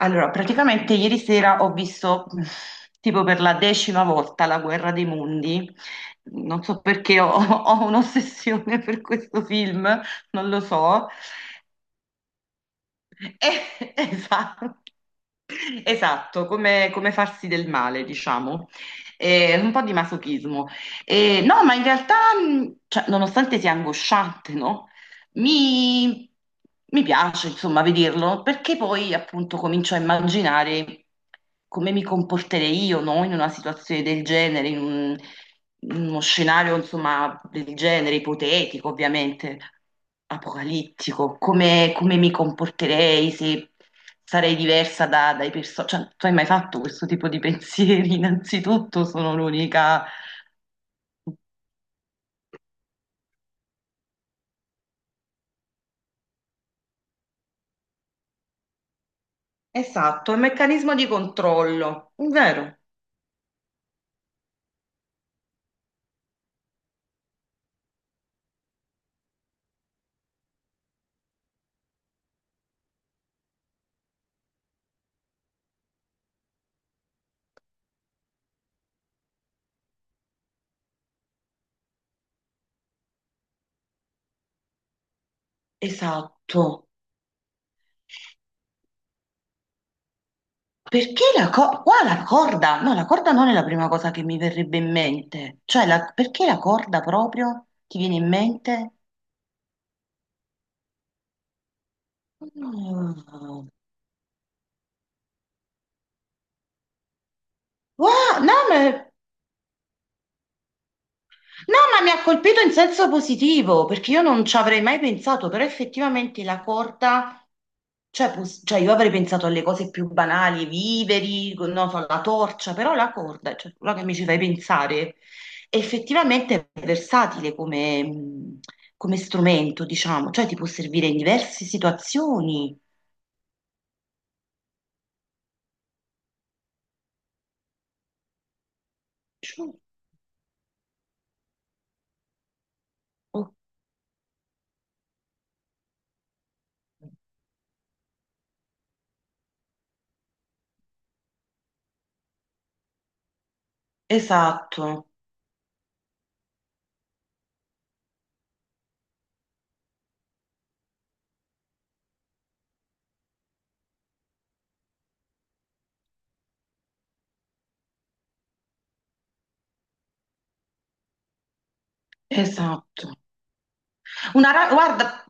Allora, praticamente ieri sera ho visto tipo per la decima volta La Guerra dei Mondi. Non so perché ho un'ossessione per questo film, non lo so. Esatto, esatto, come, come farsi del male, diciamo. Un po' di masochismo. No, ma in realtà, cioè, nonostante sia angosciante, no? Mi, mi piace, insomma, vederlo, perché poi appunto comincio a immaginare come mi comporterei io, no, in una situazione del genere, in uno scenario, insomma, del genere, ipotetico, ovviamente, apocalittico, come, come mi comporterei se sarei diversa dai personaggi. Cioè, tu hai mai fatto questo tipo di pensieri? Innanzitutto sono l'unica. Esatto, è un meccanismo di controllo, vero? Esatto. Perché la corda? Qua la corda? No, la corda non è la prima cosa che mi verrebbe in mente. Cioè, perché la corda proprio ti viene in mente? Mm. Wow, no, ma no, ma mi ha colpito in senso positivo, perché io non ci avrei mai pensato, però effettivamente la corda, cioè, cioè, io avrei pensato alle cose più banali, i viveri, non so, la torcia, però la corda, cioè, quello che mi ci fai pensare, effettivamente è versatile come, come strumento, diciamo, cioè ti può servire in diverse situazioni. Cioè, oh, esatto, esatto. Guarda,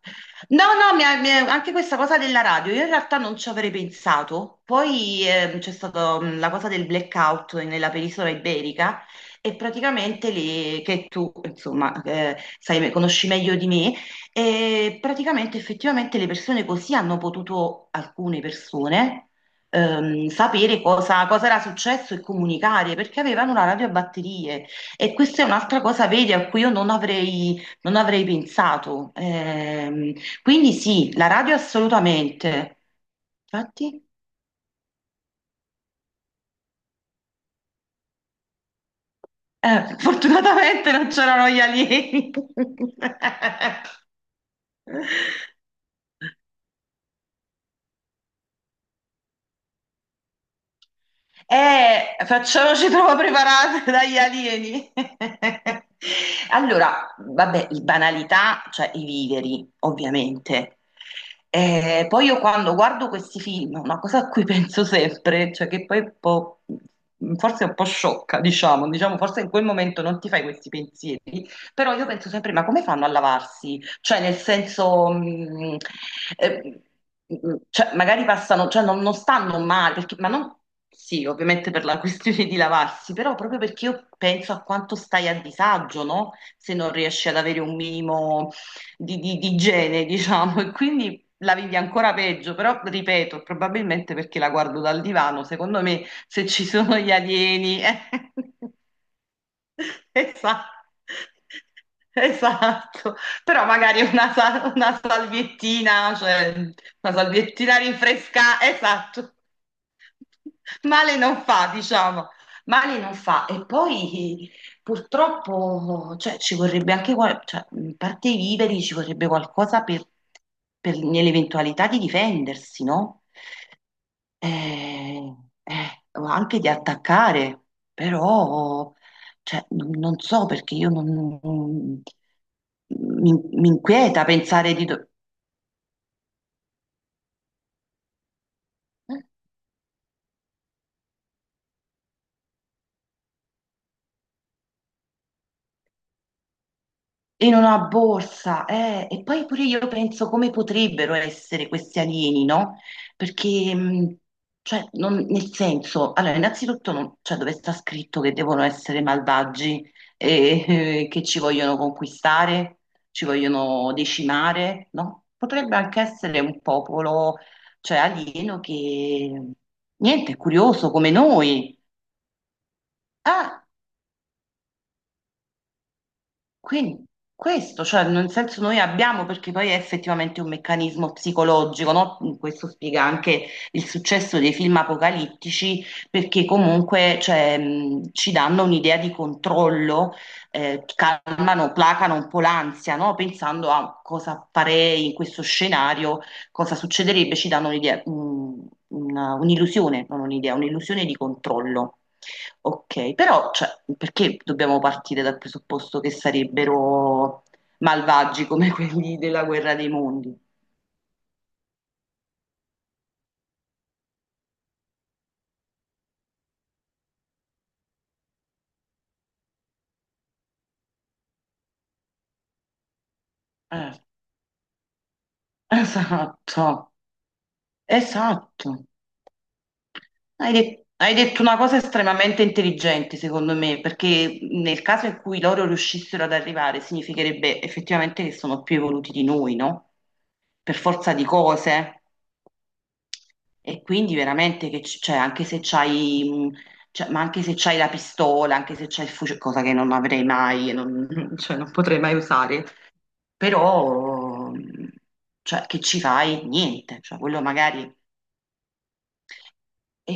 no, no, anche questa cosa della radio, io in realtà non ci avrei pensato. Poi c'è stata la cosa del blackout nella penisola iberica e praticamente che tu, insomma, sai, conosci meglio di me, e praticamente effettivamente le persone così hanno potuto, alcune persone, sapere cosa, cosa era successo e comunicare perché avevano una radio a batterie. E questa è un'altra cosa, vedi, a cui io non avrei pensato. Quindi sì, la radio assolutamente. Infatti, fortunatamente non c'erano gli alieni. Facciamoci troppo preparate dagli alieni. Allora, vabbè, banalità, cioè i viveri, ovviamente. Poi io quando guardo questi film, una cosa a cui penso sempre, cioè che poi è un po', forse è un po' sciocca, diciamo, forse in quel momento non ti fai questi pensieri, però io penso sempre, ma come fanno a lavarsi? Cioè, nel senso, eh, cioè, magari passano, non stanno male, perché- ma non, sì, ovviamente per la questione di lavarsi, però proprio perché io penso a quanto stai a disagio, no? Se non riesci ad avere un minimo di igiene, diciamo, e quindi... La vivi ancora peggio, però ripeto, probabilmente perché la guardo dal divano, secondo me se ci sono gli alieni. eh. Esatto. Esatto, però magari una, una salviettina, cioè una salviettina rinfresca, esatto, male non fa, diciamo, male non fa. E poi purtroppo, cioè, ci vorrebbe anche, cioè, in parte i viveri ci vorrebbe qualcosa per, nell'eventualità di difendersi, no? eh, o anche di attaccare, però cioè, non so perché io non- mi, mi inquieta pensare di... in una borsa, eh. E poi pure io penso come potrebbero essere questi alieni, no? Perché, cioè, nel senso, allora, innanzitutto, cioè, dove sta scritto che devono essere malvagi e che ci vogliono conquistare, ci vogliono decimare, no? Potrebbe anche essere un popolo, cioè, alieno che, niente, è curioso come noi. Ah! Quindi questo, cioè nel senso noi abbiamo, perché poi è effettivamente un meccanismo psicologico, no? Questo spiega anche il successo dei film apocalittici, perché comunque cioè, ci danno un'idea di controllo, calmano, placano un po' l'ansia, no? Pensando a cosa farei in questo scenario, cosa succederebbe, ci danno un'idea, un'illusione, non un'idea, un'illusione di controllo. Ok, però cioè, perché dobbiamo partire dal presupposto che sarebbero malvagi come quelli della guerra dei mondi? Eh, esatto, esatto. Hai, hai detto una cosa estremamente intelligente, secondo me, perché nel caso in cui loro riuscissero ad arrivare, significherebbe effettivamente che sono più evoluti di noi, no? Per forza di cose. E quindi veramente che cioè, anche se c'hai, mh, cioè, ma anche se c'hai la pistola, anche se c'hai il fucile, cosa che non avrei mai, e non, cioè, non potrei mai usare, però, cioè, che ci fai? Niente, cioè, quello magari... E,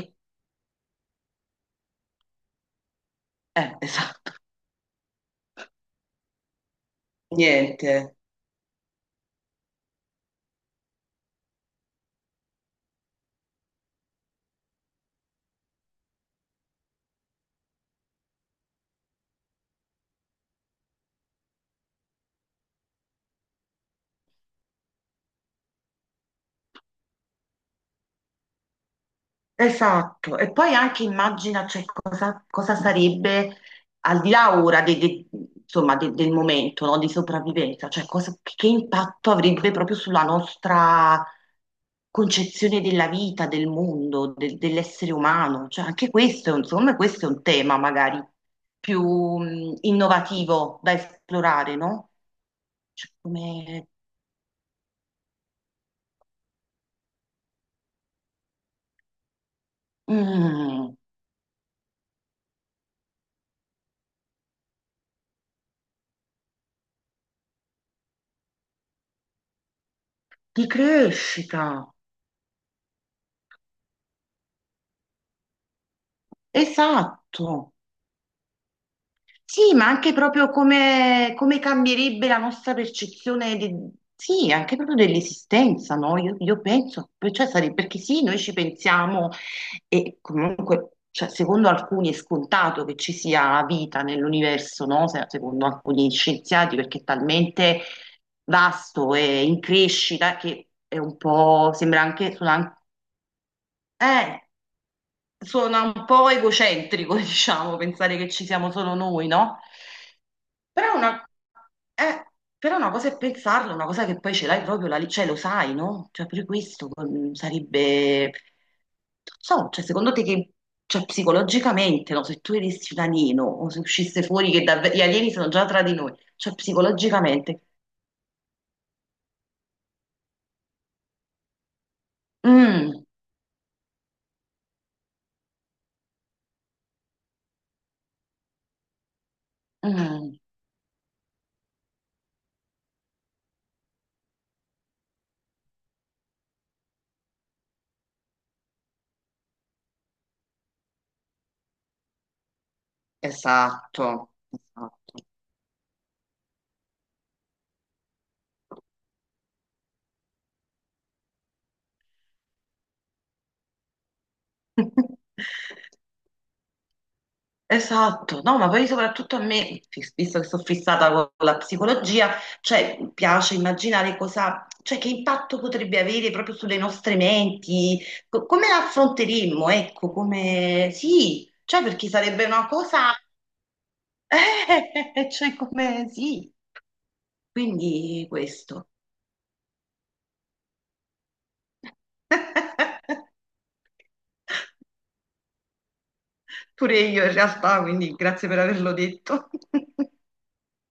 esatto, niente. Esatto, e poi anche immagina cioè, cosa, cosa sarebbe al di là ora insomma, del momento no, di sopravvivenza, cioè che impatto avrebbe proprio sulla nostra concezione della vita, del mondo, dell'essere umano. Cioè, anche questo, insomma, questo è un tema magari più innovativo da esplorare, no? Cioè, come... mm, di crescita, esatto. Sì, ma anche proprio come, come cambierebbe la nostra percezione sì, anche proprio dell'esistenza, no? Io penso, cioè, perché sì, noi ci pensiamo e comunque, cioè, secondo alcuni è scontato che ci sia vita nell'universo, no? Secondo alcuni scienziati, perché è talmente vasto e in crescita che è un po', sembra anche, suona, eh, suona un po' egocentrico, diciamo, pensare che ci siamo solo noi, no? Però una, eh, però una cosa è pensarlo, una cosa che poi ce l'hai proprio, la, cioè lo sai, no? Cioè pure questo mm, sarebbe... Non so, cioè secondo te che... Cioè psicologicamente, no? Se tu eressi un alieno o se uscisse fuori che davvero gli alieni sono già tra di noi, cioè psicologicamente... Mm, mm, esatto, esatto. Esatto, no, ma poi soprattutto a me, visto che sono fissata con la psicologia, cioè mi piace immaginare cosa, cioè che impatto potrebbe avere proprio sulle nostre menti, come la affronteremmo, ecco, come sì, cioè perché sarebbe una cosa, cioè come sì, quindi questo. Pure io in realtà, quindi grazie per averlo detto.